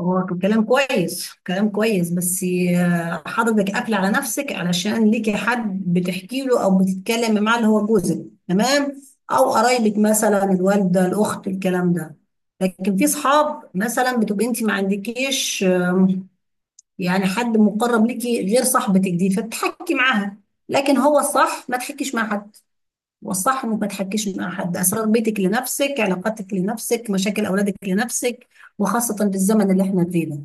هو كلام كويس كلام كويس بس. حضرتك قافل على نفسك علشان ليكي حد بتحكي له او بتتكلمي معاه اللي هو جوزك، تمام، او قرايبك مثلا الوالده، الاخت، الكلام ده. لكن في اصحاب مثلا بتبقي انت ما عندكيش، يعني حد مقرب ليكي غير صاحبتك دي فتحكي معاها. لكن هو الصح ما تحكيش مع حد، والصح انك ما تحكيش مع حد. اسرار بيتك لنفسك، علاقاتك لنفسك، مشاكل اولادك لنفسك، وخاصه بالزمن اللي احنا فيه ده.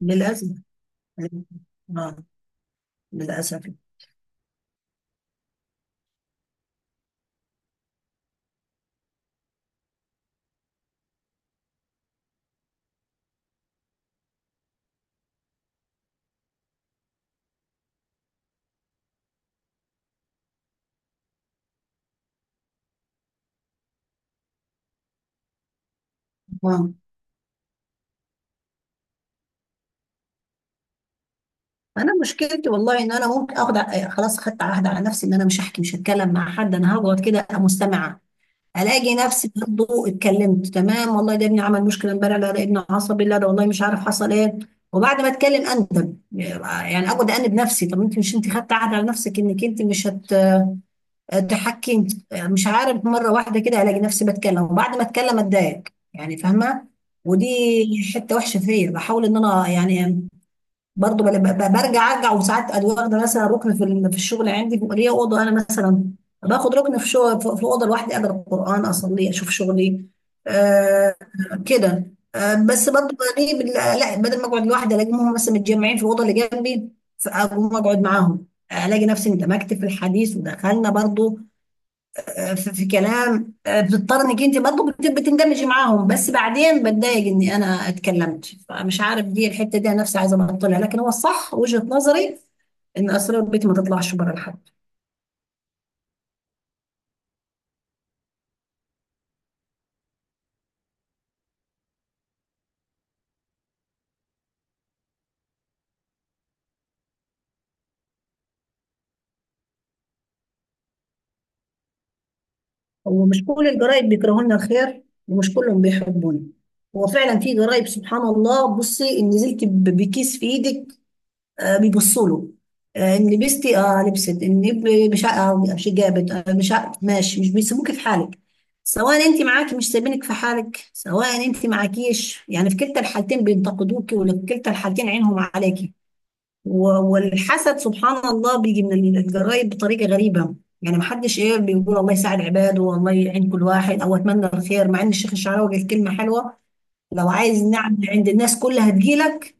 للأسف. آه. للأسف. آه. أنا مشكلتي والله إن أنا ممكن آخد ع- إيه، خلاص، خدت عهد على نفسي إن أنا مش هحكي، مش هتكلم مع حد، أنا هقعد كده أبقى مستمعة. ألاقي نفسي برضه اتكلمت، تمام والله ده ابني عمل مشكلة امبارح، لا ده ابني عصبي، لا ده والله مش عارف حصل إيه. وبعد ما أتكلم أندب، يعني أقعد أنب نفسي، طب أنت مش أنت خدت عهد على نفسك إنك أنت مش هت، اتحكمت مش عارف، مره واحده كده الاقي نفسي بتكلم، وبعد ما اتكلم اتضايق. يعني فاهمه. ودي حته وحشه فيا، بحاول ان انا يعني برضه برجع ارجع. وساعات ادي واخده مثلا ركن في الشغل، عندي ليا اوضه انا مثلا، باخد ركن في شغل في اوضه لوحدي، اقرا القران، اصلي، اشوف شغلي. آه، كده. آه بس برضه بلاقي بال- لا بدل ما اقعد لوحدي الاقيهم مثلا متجمعين في الاوضه اللي جنبي، فاقوم اقعد معاهم، الاقي نفسي اندمجت في الحديث، ودخلنا برضه آه، في كلام. آه، بتضطر انك انت برضه بتندمجي معاهم، بس بعدين بتضايق اني انا اتكلمت. فمش عارف دي الحته دي انا نفسي عايزه ابطلها، لكن هو الصح وجهه نظري ان اسرار بيتي ما تطلعش بره لحد. هو مش كل الجرايد بيكرهوا لنا الخير، ومش كلهم بيحبونا. هو فعلا في جرايد سبحان الله، بصي ان نزلت بكيس في ايدك آه، بيبصوا له. آه، ان لبستي، اه لبست ان مش جابت، آه، مش ع- ماشي مش بيسيبوكي في حالك. سواء انت معاكي مش سايبينك في حالك، سواء انت معاكيش، يعني في كلتا الحالتين بينتقدوكي، وفي كلتا الحالتين عينهم عليكي. و- والحسد سبحان الله بيجي من الجرايد بطريقه غريبه. يعني محدش ايه بيقول الله يساعد عباده، والله يعين كل واحد، او اتمنى الخير، مع ان الشيخ الشعراوي قال كلمه حلوه: لو عايز نعمة عند الناس كلها هتجيلك،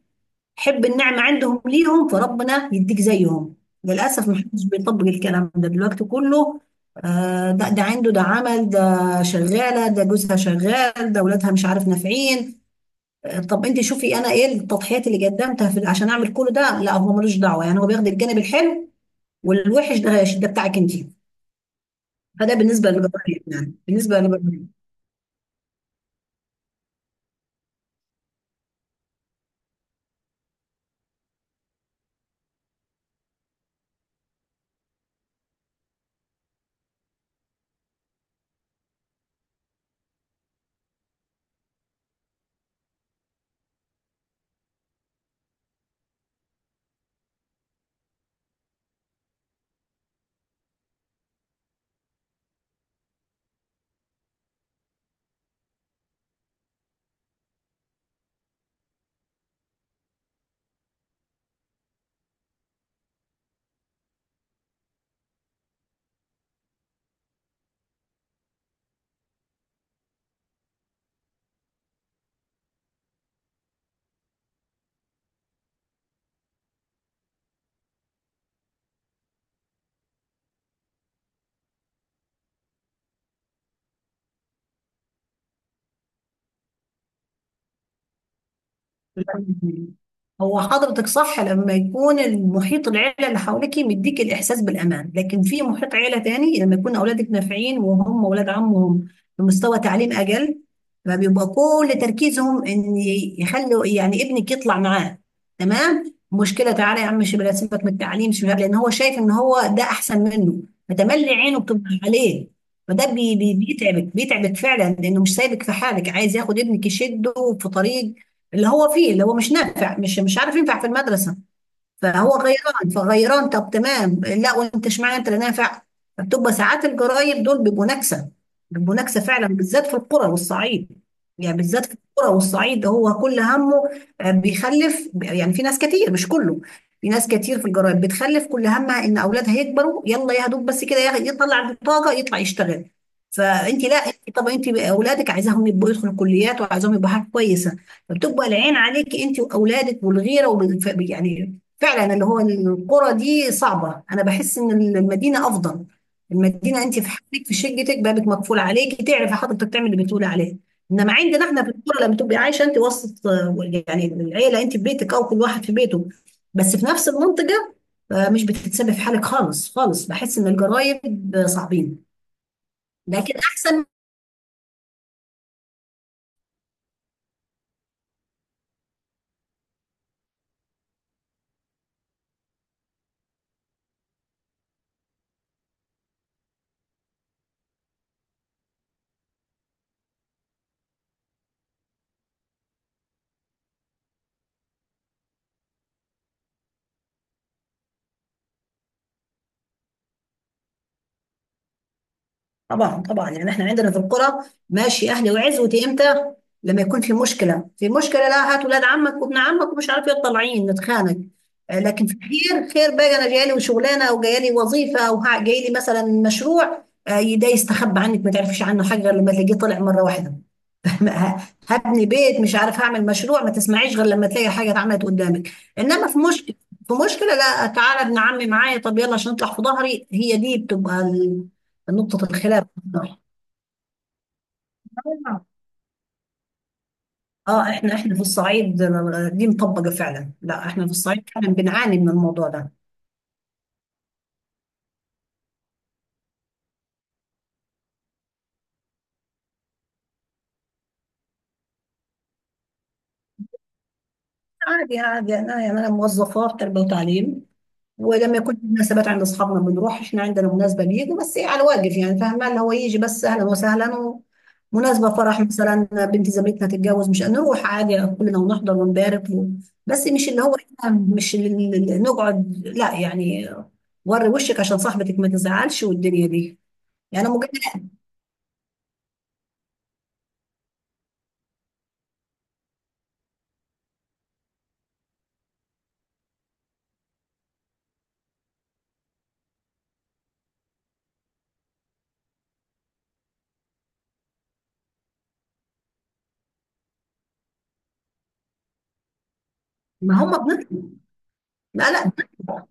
حب النعمة عندهم ليهم فربنا يديك زيهم. للأسف محدش بيطبق الكلام ده دلوقتي كله. آه، ده عنده، ده عمل ده، شغالة، ده جوزها شغال، ده ولادها مش عارف نافعين. آه، طب انت شوفي انا ايه التضحيات اللي قدمتها في عشان اعمل كل ده، لا هو ملوش دعوة، يعني هو بياخد الجانب الحلو، والوحش ده بتاعك انت. فده بالنسبة للجبار، يعني بالنسبة للجبار. هو حضرتك صح لما يكون المحيط، العيلة اللي حواليك، مديك الإحساس بالأمان، لكن في محيط عيلة تاني لما يكون أولادك نافعين وهم أولاد عمهم بمستوى تعليم أقل، فبيبقى كل تركيزهم إن يخلوا يعني ابنك يطلع معاه. تمام، مشكلة، تعالى يا عم شباب، سيبك من التعليم شباب، لأن هو شايف إن هو ده أحسن منه، فتملي عينه بتبقى عليه. فده بيتعبك بيتعبك فعلا، لأنه مش سايبك في حالك، عايز ياخد ابنك يشده في طريق اللي هو فيه، اللي هو مش نافع، مش عارف ينفع في المدرسة. فهو غيران، فغيران. طب تمام، لا وانت اشمعنى انت لا نافع. فبتبقى ساعات الجرايم دول بيبقوا نكسه، بيبقوا نكسه فعلا، بالذات في القرى والصعيد. يعني بالذات في القرى والصعيد هو كل همه آه، بيخلف. يعني في ناس كتير، مش كله، في ناس كتير في الجرايم بتخلف كل همها ان اولادها يكبروا، يلا يا دوب بس كده يطلع البطاقه يطلع يشتغل. فانت لا انت، طب انت اولادك عايزاهم يبقوا يدخلوا كليات، وعايزاهم يبقوا حاجه كويسه، فبتبقى العين عليك انت واولادك والغيره يعني. فعلا اللي هو القرى دي صعبة. أنا بحس إن المدينة أفضل. المدينة أنت في حالك، في شقتك، بابك مقفول عليكي، تعرفي حضرتك تعمل اللي بتقولي عليه. إنما عندنا إحنا في القرى لما تبقي عايشة أنت وسط آه، يعني العيلة، أنت في بيتك أو كل واحد في بيته بس في نفس المنطقة، آه، مش بتتسبب في حالك خالص خالص. بحس إن الجرايم آه، صعبين، لكن أحسن. طبعا طبعا، يعني احنا عندنا في القرى ماشي، اهلي وعزوتي امتى؟ لما يكون في مشكله. في مشكله، لا هات ولاد عمك وابن عمك ومش عارف ايه، طالعين نتخانق آه، لكن في خير، خير بقى انا جايه لي شغلانه او جايه لي وظيفه او جايه لي مثلا مشروع آه، ده يستخبى عنك، ما تعرفيش عنه حاجه غير لما تلاقيه طلع مره واحده. ه- هبني بيت، مش عارف هعمل مشروع، ما تسمعيش غير لما تلاقي حاجه اتعملت قدامك. انما في مشكله، في مشكله لا تعالى ابن عمي معايا، طب يلا عشان نطلع في ظهري. هي دي بتبقى نقطه الخلاف. اه احنا في الصعيد دي مطبقه فعلا. لا احنا في الصعيد فعلا بنعاني من الموضوع ده. عادي عادي، انا يعني انا موظفه في تربيه وتعليم، ولما يكون في مناسبات عند اصحابنا بنروح، احنا عندنا مناسبه بيجوا، بس ايه، على واجب يعني، فاهمه اللي هو يجي بس اهلا وسهلا. مناسبة فرح مثلا بنت زميلتنا تتجوز، مش هنروح عادي كلنا ونحضر ونبارك و... بس مش اللي هو إحنا، مش اللي نقعد، لا يعني وري وشك عشان صاحبتك ما تزعلش والدنيا دي، يعني مجرد ما هم بنطلع. لا لا بنطلع.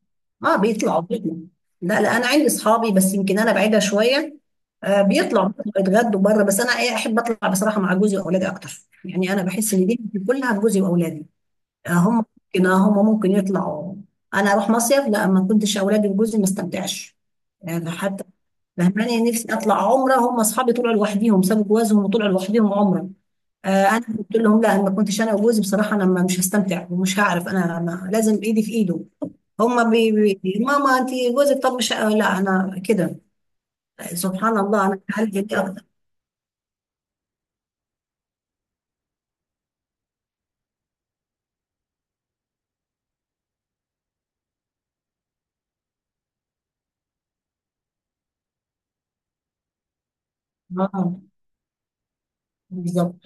اه بيطلعوا بيطلعوا. لا لا انا عندي اصحابي، بس يمكن انا بعيدة شوية. آه بيطلعوا، يتغدوا بره، بس انا احب اطلع بصراحة مع جوزي واولادي اكتر. يعني انا بحس ان دي كلها بجوزي واولادي هم. ممكن آه، هم ممكن يطلعوا. انا اروح مصيف لا ما كنتش اولادي وجوزي ما استمتعش، يعني حتى فهماني نفسي اطلع عمره. هم اصحابي طلعوا لوحديهم، سابوا جوازهم وطلعوا لوحديهم عمره. آه انا قلت لهم لا، أنا ما كنتش انا وجوزي بصراحه انا مش هستمتع، ومش هعرف، انا ما لازم ايدي في ايده. هم بي ماما انت جوزك، طب مش آه، لا انا كده سبحان الله انا عندي دي اكتر. اه بالظبط.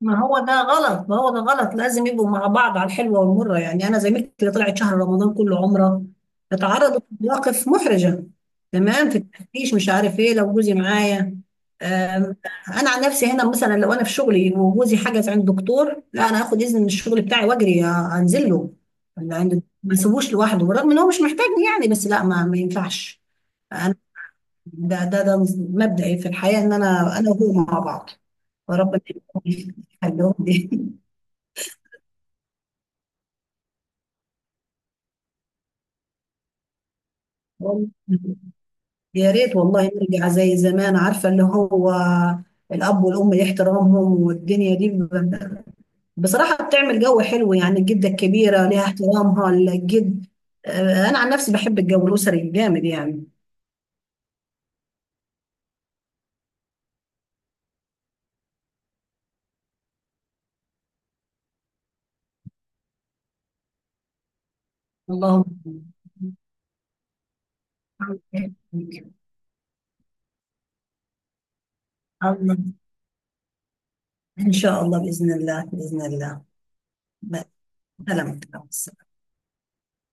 ما هو ده غلط، ما هو ده غلط، لازم يبقوا مع بعض على الحلوة والمرة. يعني أنا زميلتي اللي طلعت شهر رمضان كله عمرة اتعرضت لمواقف محرجة، تمام، في التفتيش مش عارف إيه. لو جوزي معايا. آم، أنا عن نفسي، هنا مثلا لو أنا في شغلي وجوزي حجز عند دكتور، لا أنا هاخد إذن من الشغل بتاعي وأجري آه، أنزل له اللي عند، ما اسيبوش لوحده، بالرغم إن هو مش محتاجني يعني، بس لا ما ينفعش. أنا ده مبدئي في الحياة إن أنا، أنا وهو مع بعض. وربنا يخليهم لي. والله يا ريت والله نرجع زي زمان، عارفة اللي هو الأب والأم احترامهم، والدنيا دي ب- بصراحة بتعمل جو حلو، يعني الجدة الكبيرة ليها احترامها، الجد، آه، أنا عن نفسي بحب الجو الأسري الجامد يعني. اللهم. الله. إن شاء الله، بإذن الله، بإذن الله. سلامتك.